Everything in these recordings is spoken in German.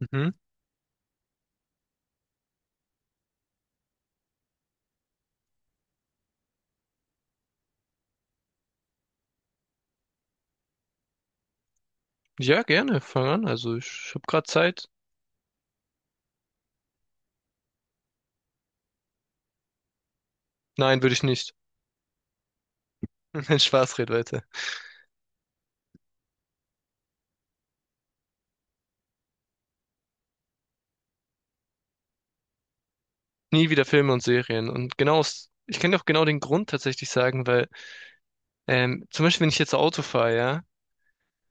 Mhm. Ja, gerne. Fang an. Also ich habe gerade Zeit. Nein, würde ich nicht. Spaß, red weiter. Nie wieder Filme und Serien. Und genau, ich kann dir auch genau den Grund tatsächlich sagen, weil zum Beispiel, wenn ich jetzt Auto fahre, ja,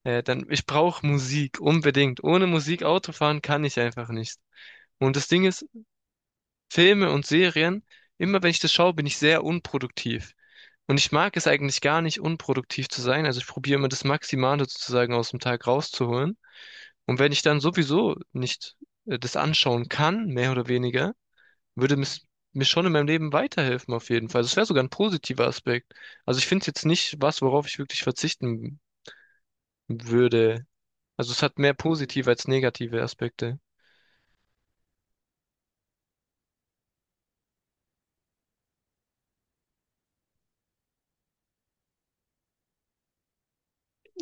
dann ich brauche Musik unbedingt. Ohne Musik Auto fahren kann ich einfach nicht. Und das Ding ist, Filme und Serien, immer wenn ich das schaue, bin ich sehr unproduktiv. Und ich mag es eigentlich gar nicht, unproduktiv zu sein. Also ich probiere immer das Maximale sozusagen aus dem Tag rauszuholen. Und wenn ich dann sowieso nicht das anschauen kann, mehr oder weniger, würde es mir schon in meinem Leben weiterhelfen, auf jeden Fall. Das wäre sogar ein positiver Aspekt. Also ich finde es jetzt nicht was, worauf ich wirklich verzichten würde. Also es hat mehr positive als negative Aspekte.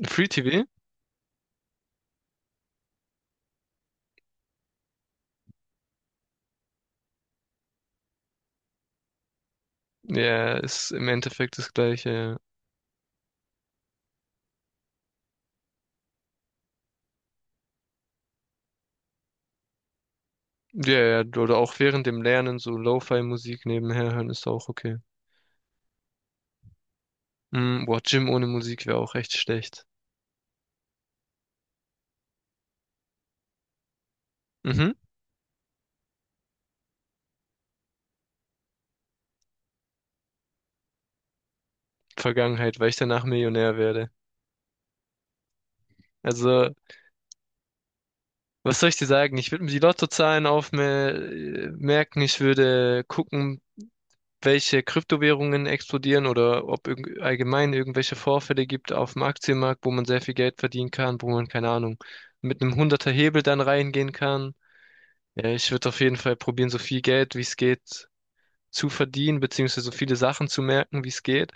Free TV, ja, ist im Endeffekt das Gleiche. Ja, ja, ja, oder auch während dem Lernen so Lo-Fi-Musik nebenher hören ist auch okay. Mm, boah, Gym ohne Musik wäre auch echt schlecht. Mhm. Vergangenheit, weil ich danach Millionär werde. Also, was soll ich dir sagen? Ich würde mir die Lottozahlen aufmerken. Ich würde gucken, welche Kryptowährungen explodieren oder ob irg allgemein irgendwelche Vorfälle gibt auf dem Aktienmarkt, wo man sehr viel Geld verdienen kann, wo man, keine Ahnung, mit einem hunderter Hebel dann reingehen kann. Ja, ich würde auf jeden Fall probieren, so viel Geld, wie es geht, zu verdienen, beziehungsweise so viele Sachen zu merken, wie es geht.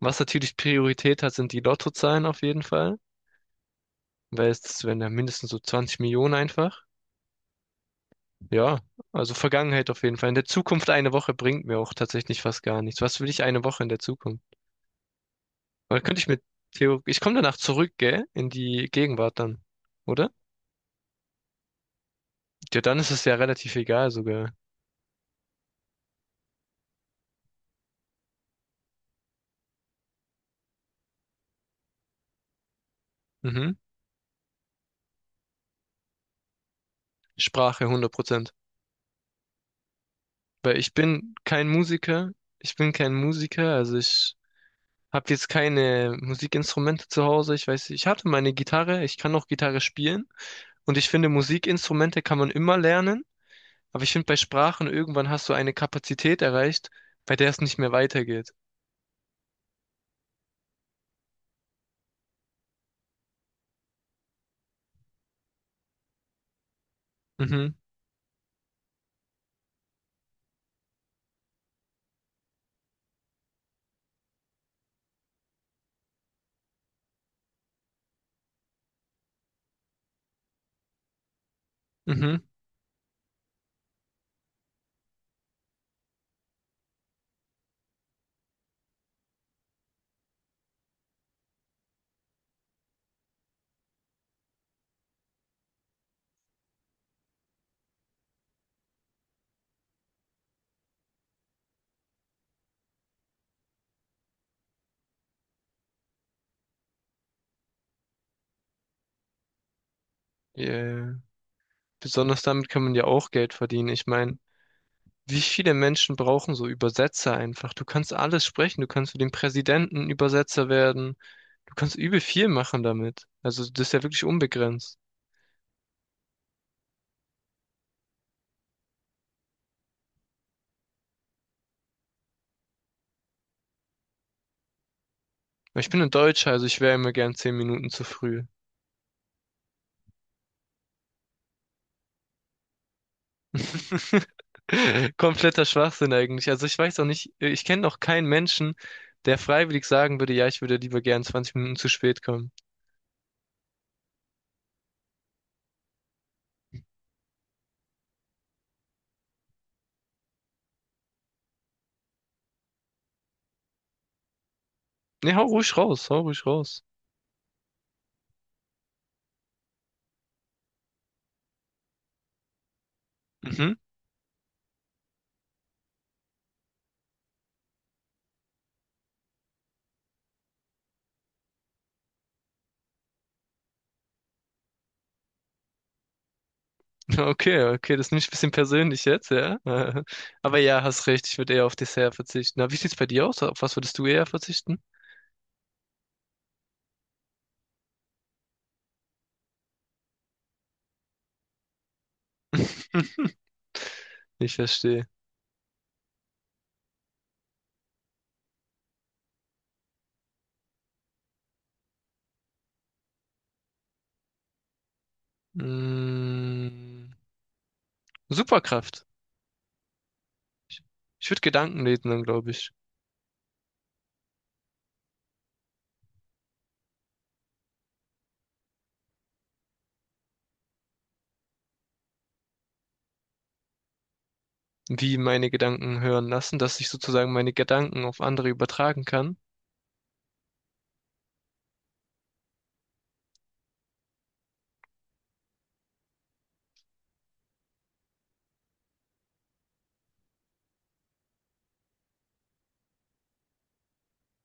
Was natürlich Priorität hat, sind die Lottozahlen auf jeden Fall, weil es wären ja mindestens so 20 Millionen einfach. Ja, also Vergangenheit auf jeden Fall. In der Zukunft eine Woche bringt mir auch tatsächlich fast gar nichts. Was will ich eine Woche in der Zukunft? Weil könnte ich mit Theo, ich komme danach zurück, gell? In die Gegenwart dann, oder? Ja, dann ist es ja relativ egal sogar. Mhm. Sprache 100%. Weil ich bin kein Musiker. Ich bin kein Musiker, also ich habe jetzt keine Musikinstrumente zu Hause. Ich weiß, ich hatte meine Gitarre, ich kann auch Gitarre spielen und ich finde, Musikinstrumente kann man immer lernen. Aber ich finde, bei Sprachen irgendwann hast du eine Kapazität erreicht, bei der es nicht mehr weitergeht. Mhm, mhm. Yeah. Besonders damit kann man ja auch Geld verdienen. Ich meine, wie viele Menschen brauchen so Übersetzer einfach? Du kannst alles sprechen. Du kannst für den Präsidenten Übersetzer werden. Du kannst übel viel machen damit. Also, das ist ja wirklich unbegrenzt. Aber ich bin ein Deutscher, also ich wäre immer gern 10 Minuten zu früh. Kompletter Schwachsinn eigentlich. Also ich weiß auch nicht, ich kenne noch keinen Menschen, der freiwillig sagen würde, ja, ich würde lieber gern 20 Minuten zu spät kommen. Nee, hau ruhig raus, hau ruhig raus. Mhm. Okay, okay, das ist ich ein bisschen persönlich jetzt, ja. Aber ja, hast recht, ich würde eher auf Dessert verzichten. Na, wie sieht's bei dir aus? Auf was würdest du eher verzichten? Ich verstehe. Mm, Superkraft. Ich, ich würde Gedanken lesen dann, glaube ich. Wie meine Gedanken hören lassen, dass ich sozusagen meine Gedanken auf andere übertragen kann.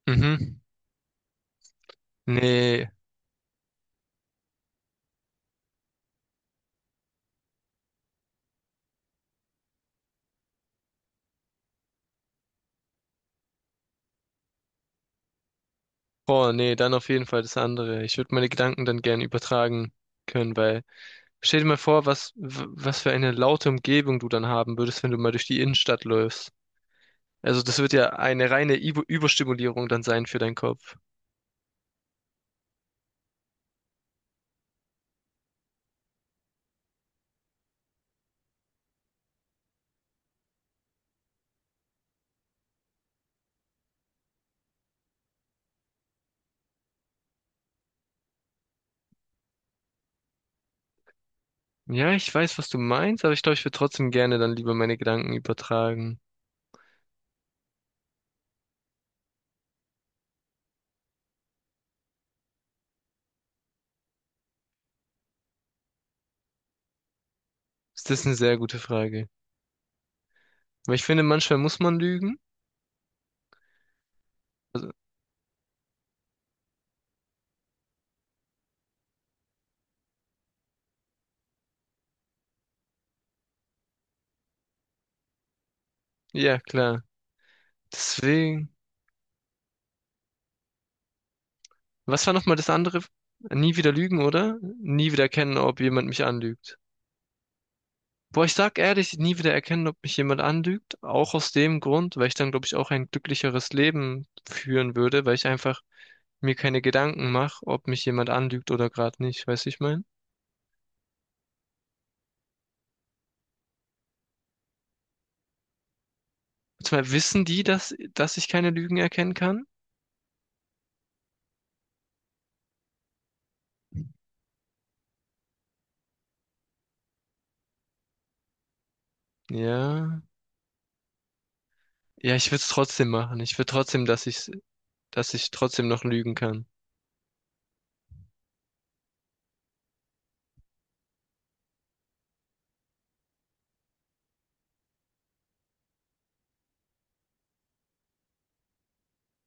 Mhm. Nee. Boah, nee, dann auf jeden Fall das andere. Ich würde meine Gedanken dann gern übertragen können, weil stell dir mal vor, was für eine laute Umgebung du dann haben würdest, wenn du mal durch die Innenstadt läufst. Also das wird ja eine reine Überstimulierung dann sein für deinen Kopf. Ja, ich weiß, was du meinst, aber ich glaube, ich würde trotzdem gerne dann lieber meine Gedanken übertragen. Das ist eine sehr gute Frage. Weil ich finde, manchmal muss man lügen. Also ja, klar. Deswegen, was war nochmal das andere? Nie wieder lügen, oder? Nie wieder erkennen, ob jemand mich anlügt. Boah, ich sag ehrlich, nie wieder erkennen, ob mich jemand anlügt. Auch aus dem Grund, weil ich dann, glaube ich, auch ein glücklicheres Leben führen würde, weil ich einfach mir keine Gedanken mache, ob mich jemand anlügt oder gerade nicht. Weißt du, ich mein? Zumal wissen die, dass ich keine Lügen erkennen kann? Ja. Ja, ich würde es trotzdem machen. Ich will trotzdem, dass ich trotzdem noch lügen kann.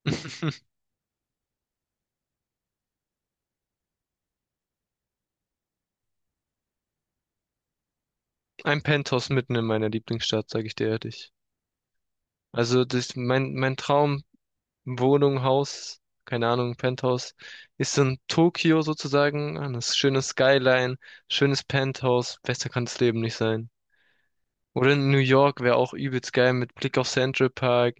Ein Penthouse mitten in meiner Lieblingsstadt, sage ich dir ehrlich. Also das, mein Traum, Wohnung, Haus, keine Ahnung, Penthouse, ist in Tokio sozusagen, eine schöne Skyline, schönes Penthouse, besser kann das Leben nicht sein. Oder in New York wäre auch übelst geil mit Blick auf Central Park.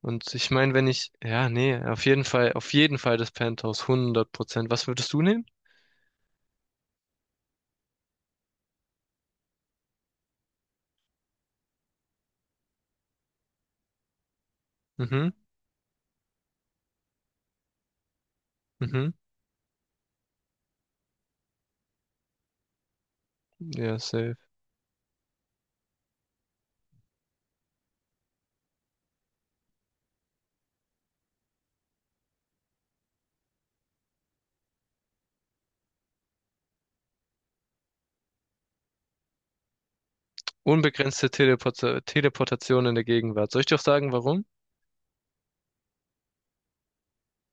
Und ich meine, wenn ich, ja, nee, auf jeden Fall das Penthouse, 100%. Was würdest du nehmen? Mhm, mhm, ja, safe. Unbegrenzte Teleport Teleportation in der Gegenwart. Soll ich dir auch sagen, warum?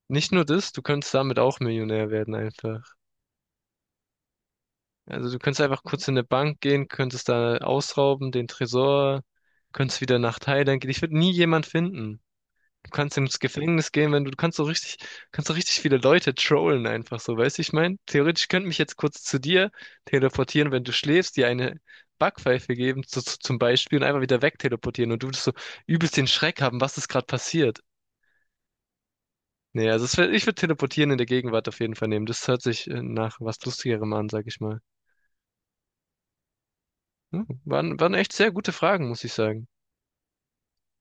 Nicht nur das, du könntest damit auch Millionär werden einfach. Also du könntest einfach kurz in eine Bank gehen, könntest da ausrauben, den Tresor, könntest wieder nach Thailand gehen. Ich würde nie jemand finden. Du kannst ins Gefängnis gehen, wenn du, du kannst so richtig viele Leute trollen einfach so, weißt du, ich meine? Theoretisch könnte mich jetzt kurz zu dir teleportieren, wenn du schläfst, dir eine Backpfeife geben, so, so, zum Beispiel, und einfach wieder wegteleportieren und du würdest so übelst den Schreck haben, was ist gerade passiert. Nee, also es wär, ich würde teleportieren in der Gegenwart auf jeden Fall nehmen. Das hört sich nach was Lustigerem an, sag ich mal. Ja, waren echt sehr gute Fragen, muss ich sagen.